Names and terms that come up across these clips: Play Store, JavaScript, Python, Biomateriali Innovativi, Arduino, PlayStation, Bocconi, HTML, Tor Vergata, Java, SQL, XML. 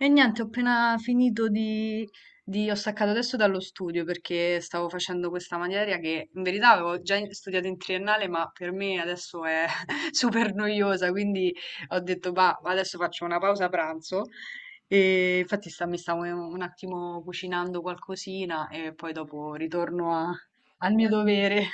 E niente, ho appena ho staccato adesso dallo studio perché stavo facendo questa materia che in verità avevo già studiato in triennale, ma per me adesso è super noiosa, quindi ho detto, bah, adesso faccio una pausa pranzo. E infatti mi stavo un attimo cucinando qualcosina e poi dopo ritorno al mio dovere.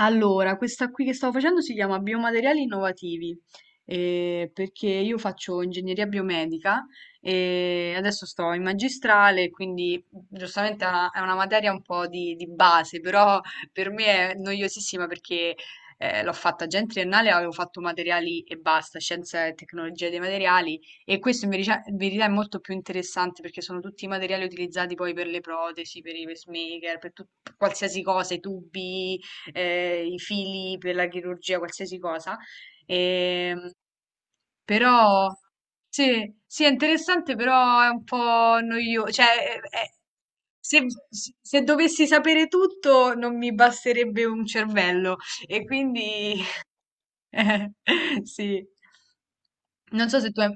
Allora, questa qui che stavo facendo si chiama Biomateriali Innovativi, perché io faccio ingegneria biomedica e adesso sto in magistrale, quindi giustamente è una materia un po' di base, però per me è noiosissima perché l'ho fatta già in triennale, avevo fatto materiali e basta, scienza e tecnologia dei materiali, e questo in verità è molto più interessante perché sono tutti i materiali utilizzati poi per le protesi, per i pacemaker, per qualsiasi cosa, i tubi, i fili per la chirurgia, qualsiasi cosa. Ehm, Però sì, sì, è interessante, però è un po' noioso. Cioè, se dovessi sapere tutto, non mi basterebbe un cervello. E quindi sì. Non so se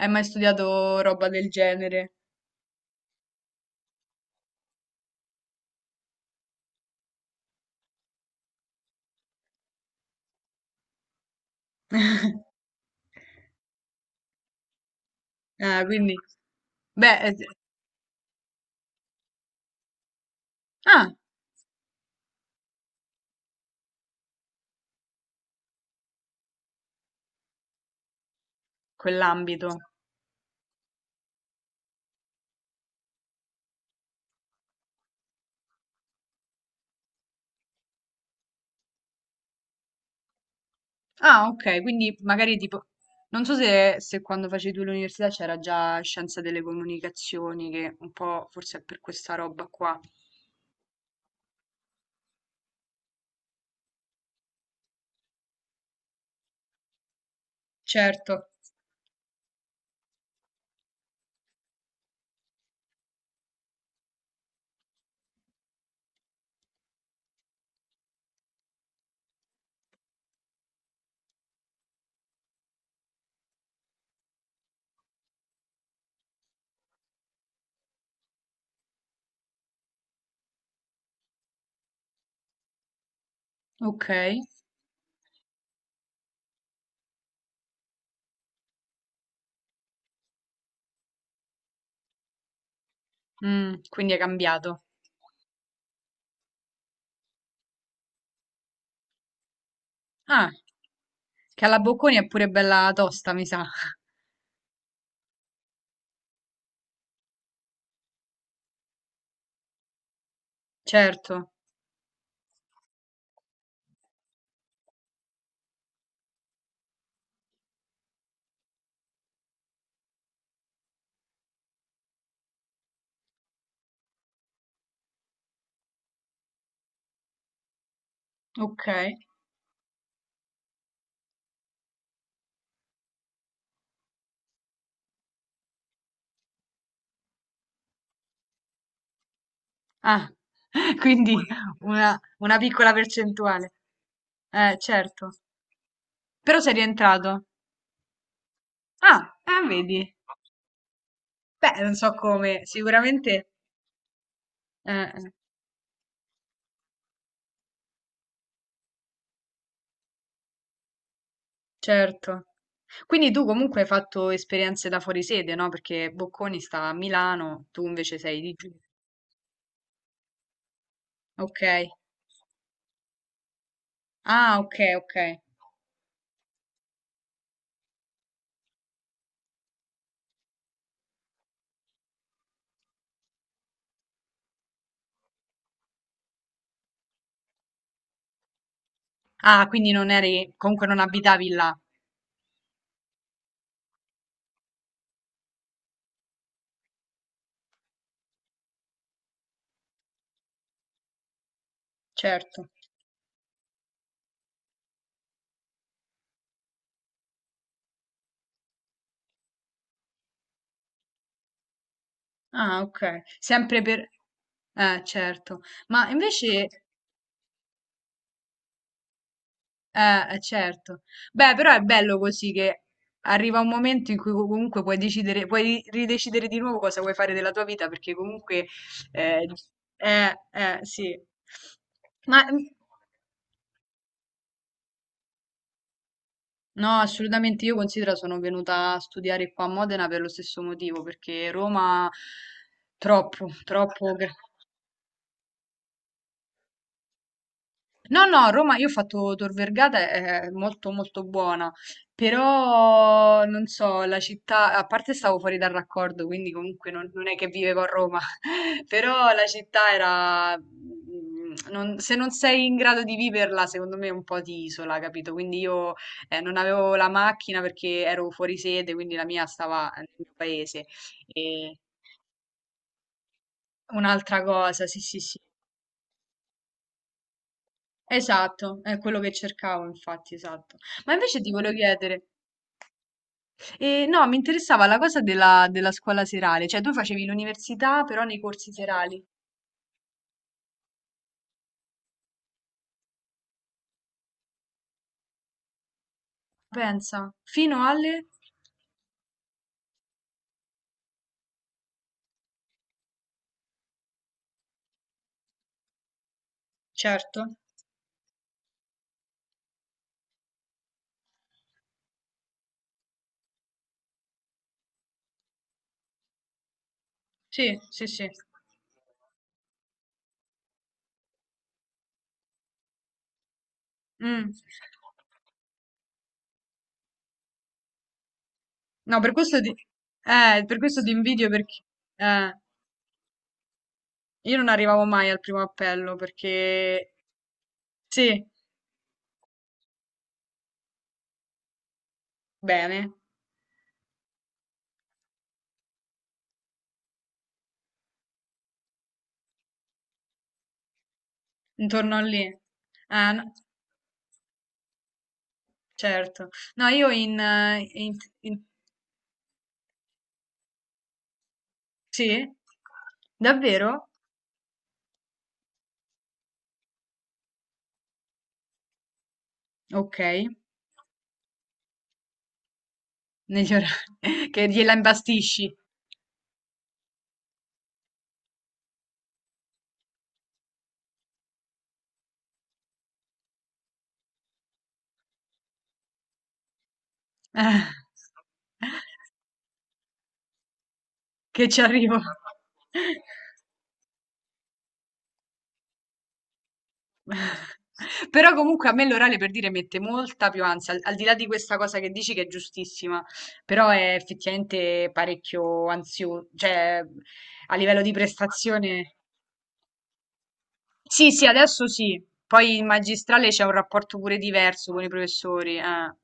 hai mai studiato roba del genere. Ah, quindi, beh, ah, quell'ambito. Ah, ok, quindi magari tipo, non so se quando facevi tu l'università c'era già scienza delle comunicazioni, che un po' forse è per questa roba qua. Certo. Ok. Mm, quindi è cambiato. Ah, che alla Bocconi è pure bella tosta, mi sa. Certo, ok. Ah, quindi una piccola percentuale. Certo. Però sei rientrato. Ah, vedi. Beh, non so come, sicuramente... eh. Certo. Quindi tu comunque hai fatto esperienze da fuori sede, no? Perché Bocconi sta a Milano, tu invece sei di giù. Ok. Ah, ok, ok. Ah, quindi non eri, comunque non abitavi là. Certo. Ah, ok. Sempre per... certo. Ma invece... certo. Beh, però è bello così che arriva un momento in cui comunque puoi decidere, puoi ridecidere di nuovo cosa vuoi fare della tua vita, perché comunque eh, sì. Ma mm, no, assolutamente, io considero, sono venuta a studiare qua a Modena per lo stesso motivo, perché Roma troppo, troppo. No, no, a Roma io ho fatto Tor Vergata, è molto molto buona, però non so, la città, a parte stavo fuori dal raccordo, quindi comunque non è che vivevo a Roma, però la città era... se non sei in grado di viverla, secondo me è un po' di isola, capito? Quindi io, non avevo la macchina perché ero fuori sede, quindi la mia stava nel mio paese. E un'altra cosa, sì, sì, sì. Esatto, è quello che cercavo infatti, esatto. Ma invece ti volevo chiedere, no, mi interessava la cosa della scuola serale, cioè tu facevi l'università però nei corsi serali, pensa, fino alle... Certo, sì, sì, sì. Mm. No, per per questo ti invidio perché eh, io non arrivavo mai al primo appello perché sì, bene, intorno a lì. No, certo. No, io in, in- in- Sì? Davvero? Okay, negli ora che gliela imbastisci. Ah, che ci arrivo. Però comunque a me l'orale per dire mette molta più ansia, al al di là di questa cosa che dici che è giustissima, però è effettivamente parecchio ansio, cioè a livello di prestazione. Sì, sì, adesso sì. Poi in magistrale c'è un rapporto pure diverso con i professori, eh.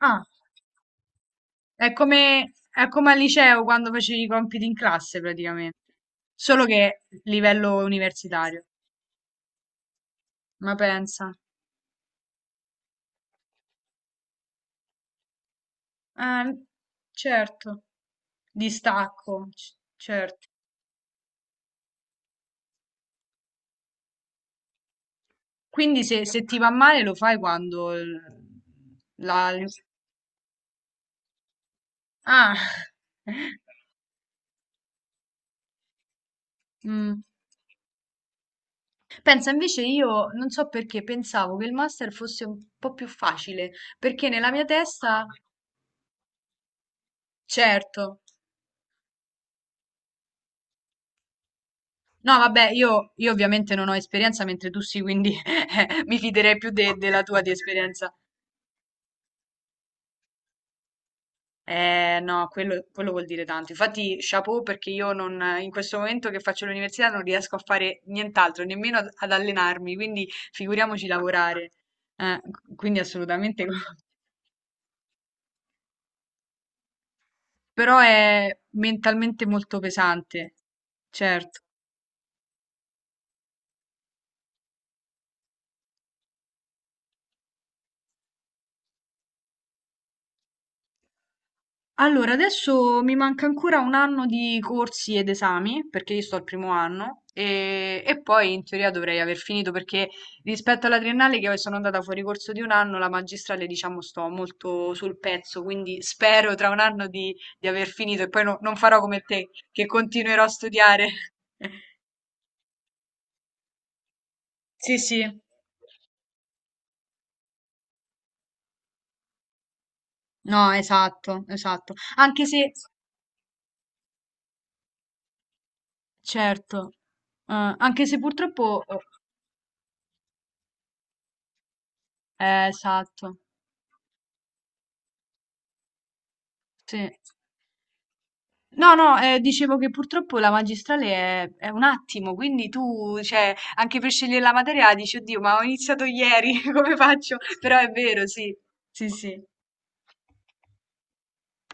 Ah. È come al liceo quando facevi i compiti in classe praticamente, solo che livello universitario. Ma pensa, eh, certo, certo. Quindi se ti va male lo fai quando la... Ah, Mm. Pensa, invece io non so perché pensavo che il master fosse un po' più facile, perché nella mia testa, certo. No, vabbè, io ovviamente non ho esperienza, mentre tu sì, quindi mi fiderei più della tua di esperienza. No, quello vuol dire tanto. Infatti, chapeau perché io non, in questo momento che faccio l'università non riesco a fare nient'altro, nemmeno ad allenarmi, quindi figuriamoci lavorare. Eh, quindi assolutamente. Però è mentalmente molto pesante, certo. Allora, adesso mi manca ancora un anno di corsi ed esami, perché io sto al primo anno, e poi in teoria dovrei aver finito, perché rispetto alla triennale che sono andata fuori corso di un anno, la magistrale, diciamo, sto molto sul pezzo, quindi spero tra un anno di aver finito e poi non farò come te, che continuerò a studiare. Sì, sì. No, esatto, esatto. Anche se, certo, anche se purtroppo, esatto, sì. No, no, dicevo che purtroppo la magistrale è un attimo, quindi tu, cioè, anche per scegliere la materia dici, oddio, ma ho iniziato ieri, come faccio? Però è vero, sì, sì, sì.